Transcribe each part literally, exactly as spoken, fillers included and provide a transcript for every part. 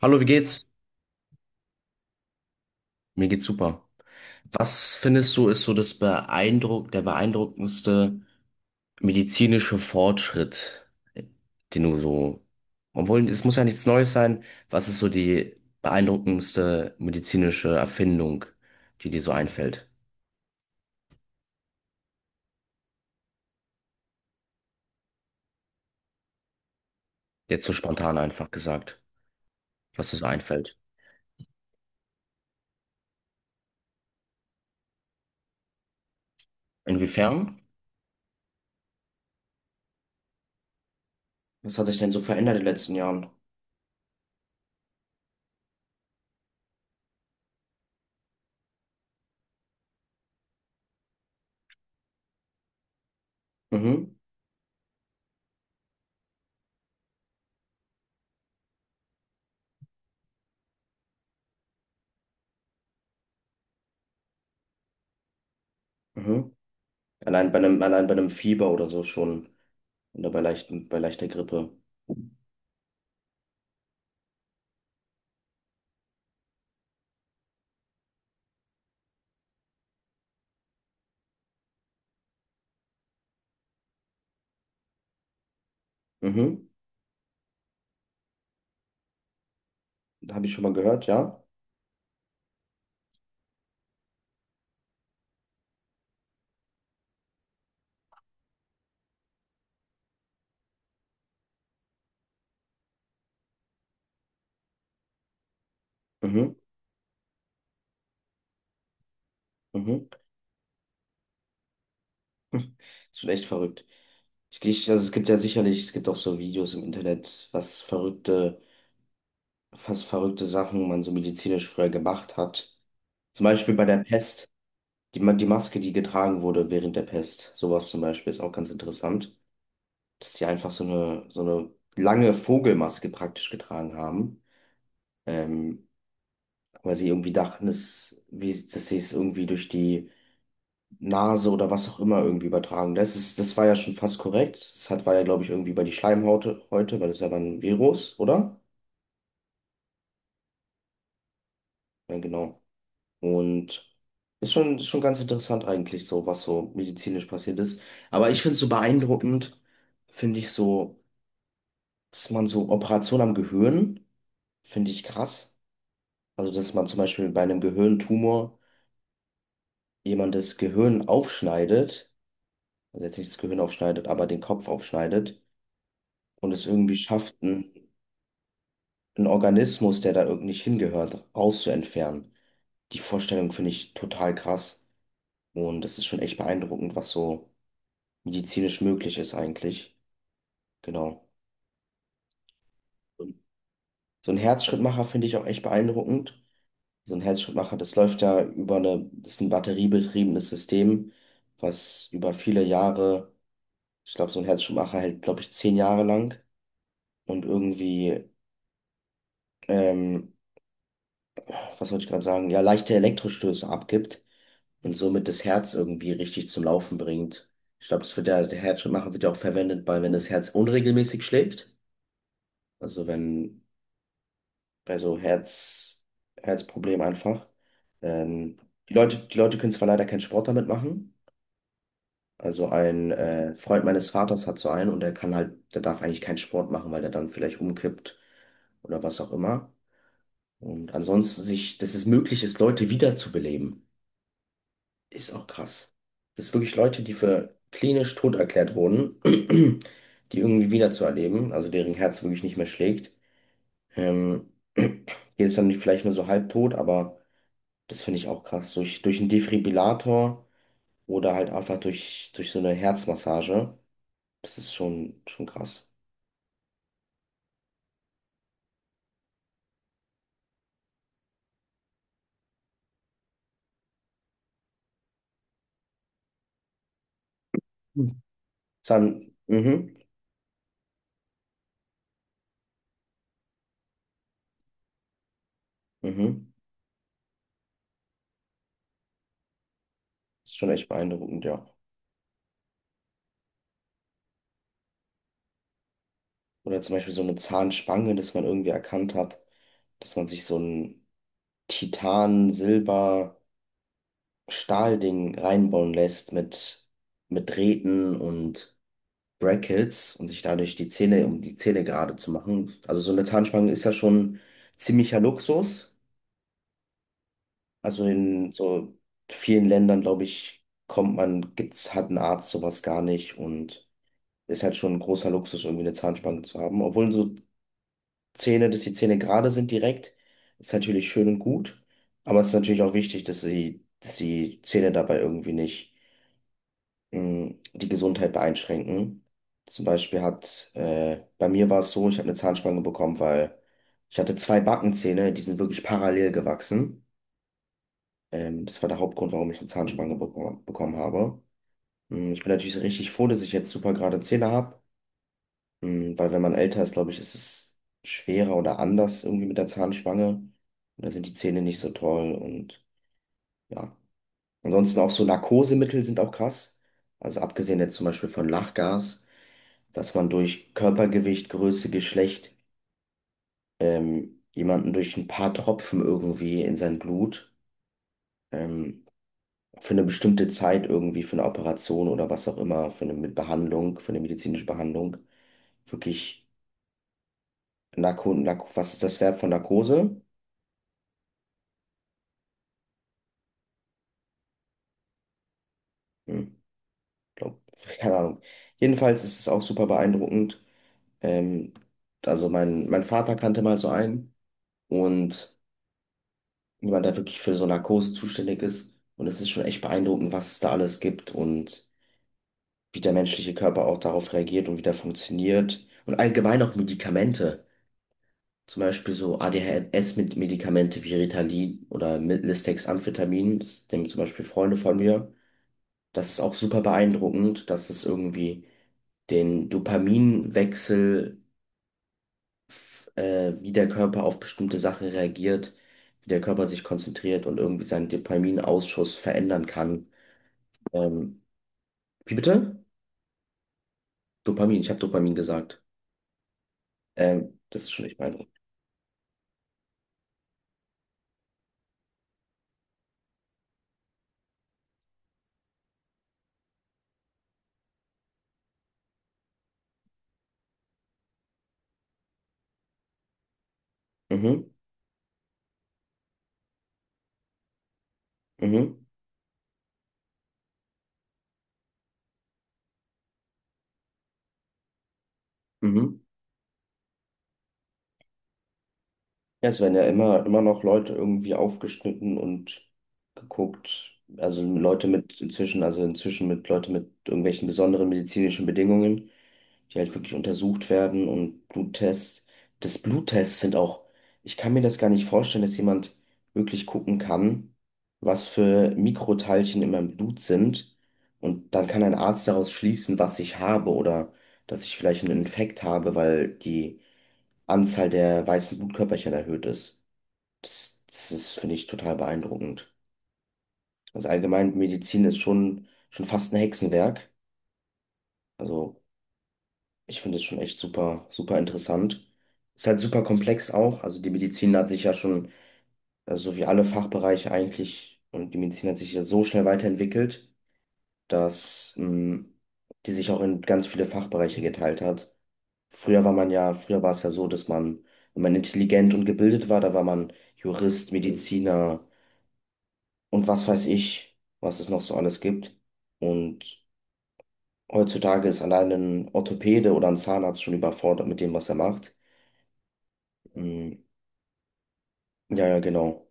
Hallo, wie geht's? Mir geht's super. Was findest du ist so das beeindruck der beeindruckendste medizinische Fortschritt, äh, den du so, obwohl es muss ja nichts Neues sein, was ist so die beeindruckendste medizinische Erfindung, die dir so einfällt? Jetzt so spontan einfach gesagt, was dir so einfällt. Inwiefern? Was hat sich denn so verändert in den letzten Jahren? Mhm, mhm. Allein bei einem, allein bei einem Fieber oder so schon, oder bei leichten, bei leichter Grippe. Mhm. Habe ich schon mal gehört, ja. Mhm, mhm. Ist schon echt verrückt. Ich, ich, also es gibt ja sicherlich, es gibt auch so Videos im Internet, was verrückte, fast verrückte Sachen man so medizinisch früher gemacht hat. Zum Beispiel bei der Pest, die, Ma- die Maske, die getragen wurde während der Pest. Sowas zum Beispiel ist auch ganz interessant, dass die einfach so eine, so eine lange Vogelmaske praktisch getragen haben, ähm, weil sie irgendwie dachten, dass, wie, dass sie es irgendwie durch die Nase oder was auch immer irgendwie übertragen. Das ist, das war ja schon fast korrekt. Das hat, war ja, glaube ich, irgendwie bei die Schleimhaut heute, weil das ist ja ein Virus, oder? Ja, genau. Und ist schon, ist schon ganz interessant eigentlich so, was so medizinisch passiert ist. Aber ich finde es so beeindruckend, finde ich so, dass man so Operationen am Gehirn, finde ich krass. Also, dass man zum Beispiel bei einem Gehirntumor jemand das Gehirn aufschneidet, also jetzt nicht das Gehirn aufschneidet, aber den Kopf aufschneidet und es irgendwie schafft, ein einen Organismus, der da irgendwie nicht hingehört, rauszuentfernen. Die Vorstellung finde ich total krass. Und das ist schon echt beeindruckend, was so medizinisch möglich ist eigentlich. Genau. Und so ein Herzschrittmacher finde ich auch echt beeindruckend. So ein Herzschrittmacher, das läuft ja über eine, das ist ein batteriebetriebenes System, was über viele Jahre, ich glaube, so ein Herzschrittmacher hält, glaube ich, zehn Jahre lang und irgendwie, ähm, was wollte ich gerade sagen, ja, leichte Elektrostöße abgibt und somit das Herz irgendwie richtig zum Laufen bringt. Ich glaube, das wird ja, der Herzschrittmacher wird ja auch verwendet, bei, wenn das Herz unregelmäßig schlägt. Also wenn bei so Herz, Herzproblem einfach. Ähm, die Leute, die Leute können zwar leider keinen Sport damit machen. Also ein äh, Freund meines Vaters hat so einen und der kann halt, der darf eigentlich keinen Sport machen, weil der dann vielleicht umkippt oder was auch immer. Und ansonsten sich, dass es möglich ist, Leute wiederzubeleben. Ist auch krass. Dass wirklich Leute, die für klinisch tot erklärt wurden, die irgendwie wieder zu erleben, also deren Herz wirklich nicht mehr schlägt. Ähm, hier ist dann nicht- vielleicht nur so halbtot, aber das finde ich auch krass. Durch, durch einen Defibrillator oder halt einfach durch, durch so eine Herzmassage. Das ist schon, schon krass. Mhm. Zahn, mhm, mhm. Ist schon echt beeindruckend, ja. Oder zum Beispiel so eine Zahnspange, dass man irgendwie erkannt hat, dass man sich so ein Titan, Silber, Stahlding reinbauen lässt mit, mit Drähten und Brackets und sich dadurch die Zähne, um die Zähne gerade zu machen. Also so eine Zahnspange ist ja schon ziemlicher Luxus. Also in so vielen Ländern, glaube ich, kommt man, gibt's, hat ein Arzt sowas gar nicht und ist halt schon ein großer Luxus, irgendwie eine Zahnspange zu haben. Obwohl so Zähne, dass die Zähne gerade sind direkt, ist natürlich schön und gut. Aber es ist natürlich auch wichtig, dass sie, dass die Zähne dabei irgendwie nicht mh, die Gesundheit einschränken. Zum Beispiel hat, äh, bei mir war es so, ich habe eine Zahnspange bekommen, weil ich hatte zwei Backenzähne, die sind wirklich parallel gewachsen. Ähm, das war der Hauptgrund, warum ich eine Zahnspange beko- bekommen habe. Mm, ich bin natürlich richtig froh, dass ich jetzt super gerade Zähne habe, weil wenn man älter ist, glaube ich, ist es schwerer oder anders irgendwie mit der Zahnspange. Und da sind die Zähne nicht so toll und ja. Ansonsten auch so Narkosemittel sind auch krass. Also abgesehen jetzt zum Beispiel von Lachgas, dass man durch Körpergewicht, Größe, Geschlecht ähm, jemanden durch ein paar Tropfen irgendwie in sein Blut ähm, für eine bestimmte Zeit irgendwie für eine Operation oder was auch immer, für eine mit Behandlung, für eine medizinische Behandlung, wirklich Narko, Narko, was ist das Verb von Narkose? Hm, glaub, keine Ahnung. Jedenfalls ist es auch super beeindruckend. Ähm, also mein, mein Vater kannte mal so einen und jemand, der wirklich für so Narkose zuständig ist. Und es ist schon echt beeindruckend, was es da alles gibt und wie der menschliche Körper auch darauf reagiert und wie der funktioniert. Und allgemein auch Medikamente. Zum Beispiel so A D H S-Medikamente wie Ritalin oder Listex Amphetamin, das nehmen zum Beispiel Freunde von mir. Das ist auch super beeindruckend, dass es irgendwie den Dopaminwechsel, f- äh, wie der Körper auf bestimmte Sachen reagiert, wie der Körper sich konzentriert und irgendwie seinen Dopaminausschuss verändern kann. Ähm, wie bitte? Dopamin, ich habe Dopamin gesagt. Ähm, das ist schon echt beeindruckend. Mhm, mhm, mhm. Ja, es werden ja immer, immer noch Leute irgendwie aufgeschnitten und geguckt. Also Leute mit inzwischen, also inzwischen mit Leute mit irgendwelchen besonderen medizinischen Bedingungen, die halt wirklich untersucht werden und Bluttests. Das Bluttests sind auch, ich kann mir das gar nicht vorstellen, dass jemand wirklich gucken kann, was für Mikroteilchen in meinem Blut sind. Und dann kann ein Arzt daraus schließen, was ich habe oder dass ich vielleicht einen Infekt habe, weil die Anzahl der weißen Blutkörperchen erhöht ist. Das, das ist, finde ich, total beeindruckend. Also allgemein, Medizin ist schon, schon fast ein Hexenwerk. Also ich finde es schon echt super, super interessant. Ist halt super komplex auch. Also die Medizin hat sich ja schon, äh, so wie alle Fachbereiche eigentlich, und die Medizin hat sich ja so schnell weiterentwickelt, dass mh, die sich auch in ganz viele Fachbereiche geteilt hat. Früher war man ja, früher war es ja so, dass man, wenn man intelligent und gebildet war, da war man Jurist, Mediziner und was weiß ich, was es noch so alles gibt. Und heutzutage ist allein ein Orthopäde oder ein Zahnarzt schon überfordert mit dem, was er macht. Hm, ja, ja, genau.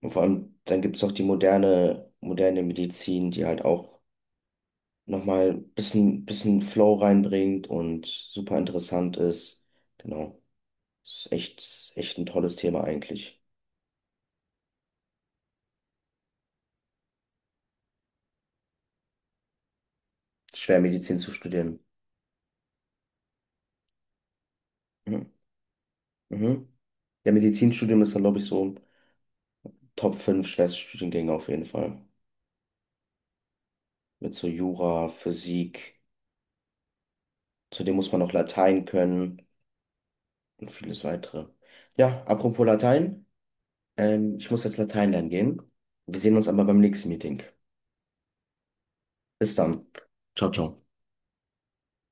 Und vor allem, dann gibt es noch die moderne, moderne Medizin, die halt auch nochmal ein bisschen, bisschen Flow reinbringt und super interessant ist. Genau. Ist echt, ist echt ein tolles Thema eigentlich. Schwer Medizin zu studieren. Mhm. Mhm. Der Medizinstudium ist dann, glaube ich, so Top fünf schwerste Studiengänge auf jeden Fall. Mit so Jura, Physik, zudem muss man noch Latein können und vieles weitere. Ja, apropos Latein. Ähm, ich muss jetzt Latein lernen gehen. Wir sehen uns aber beim nächsten Meeting. Bis dann. Ciao, ciao.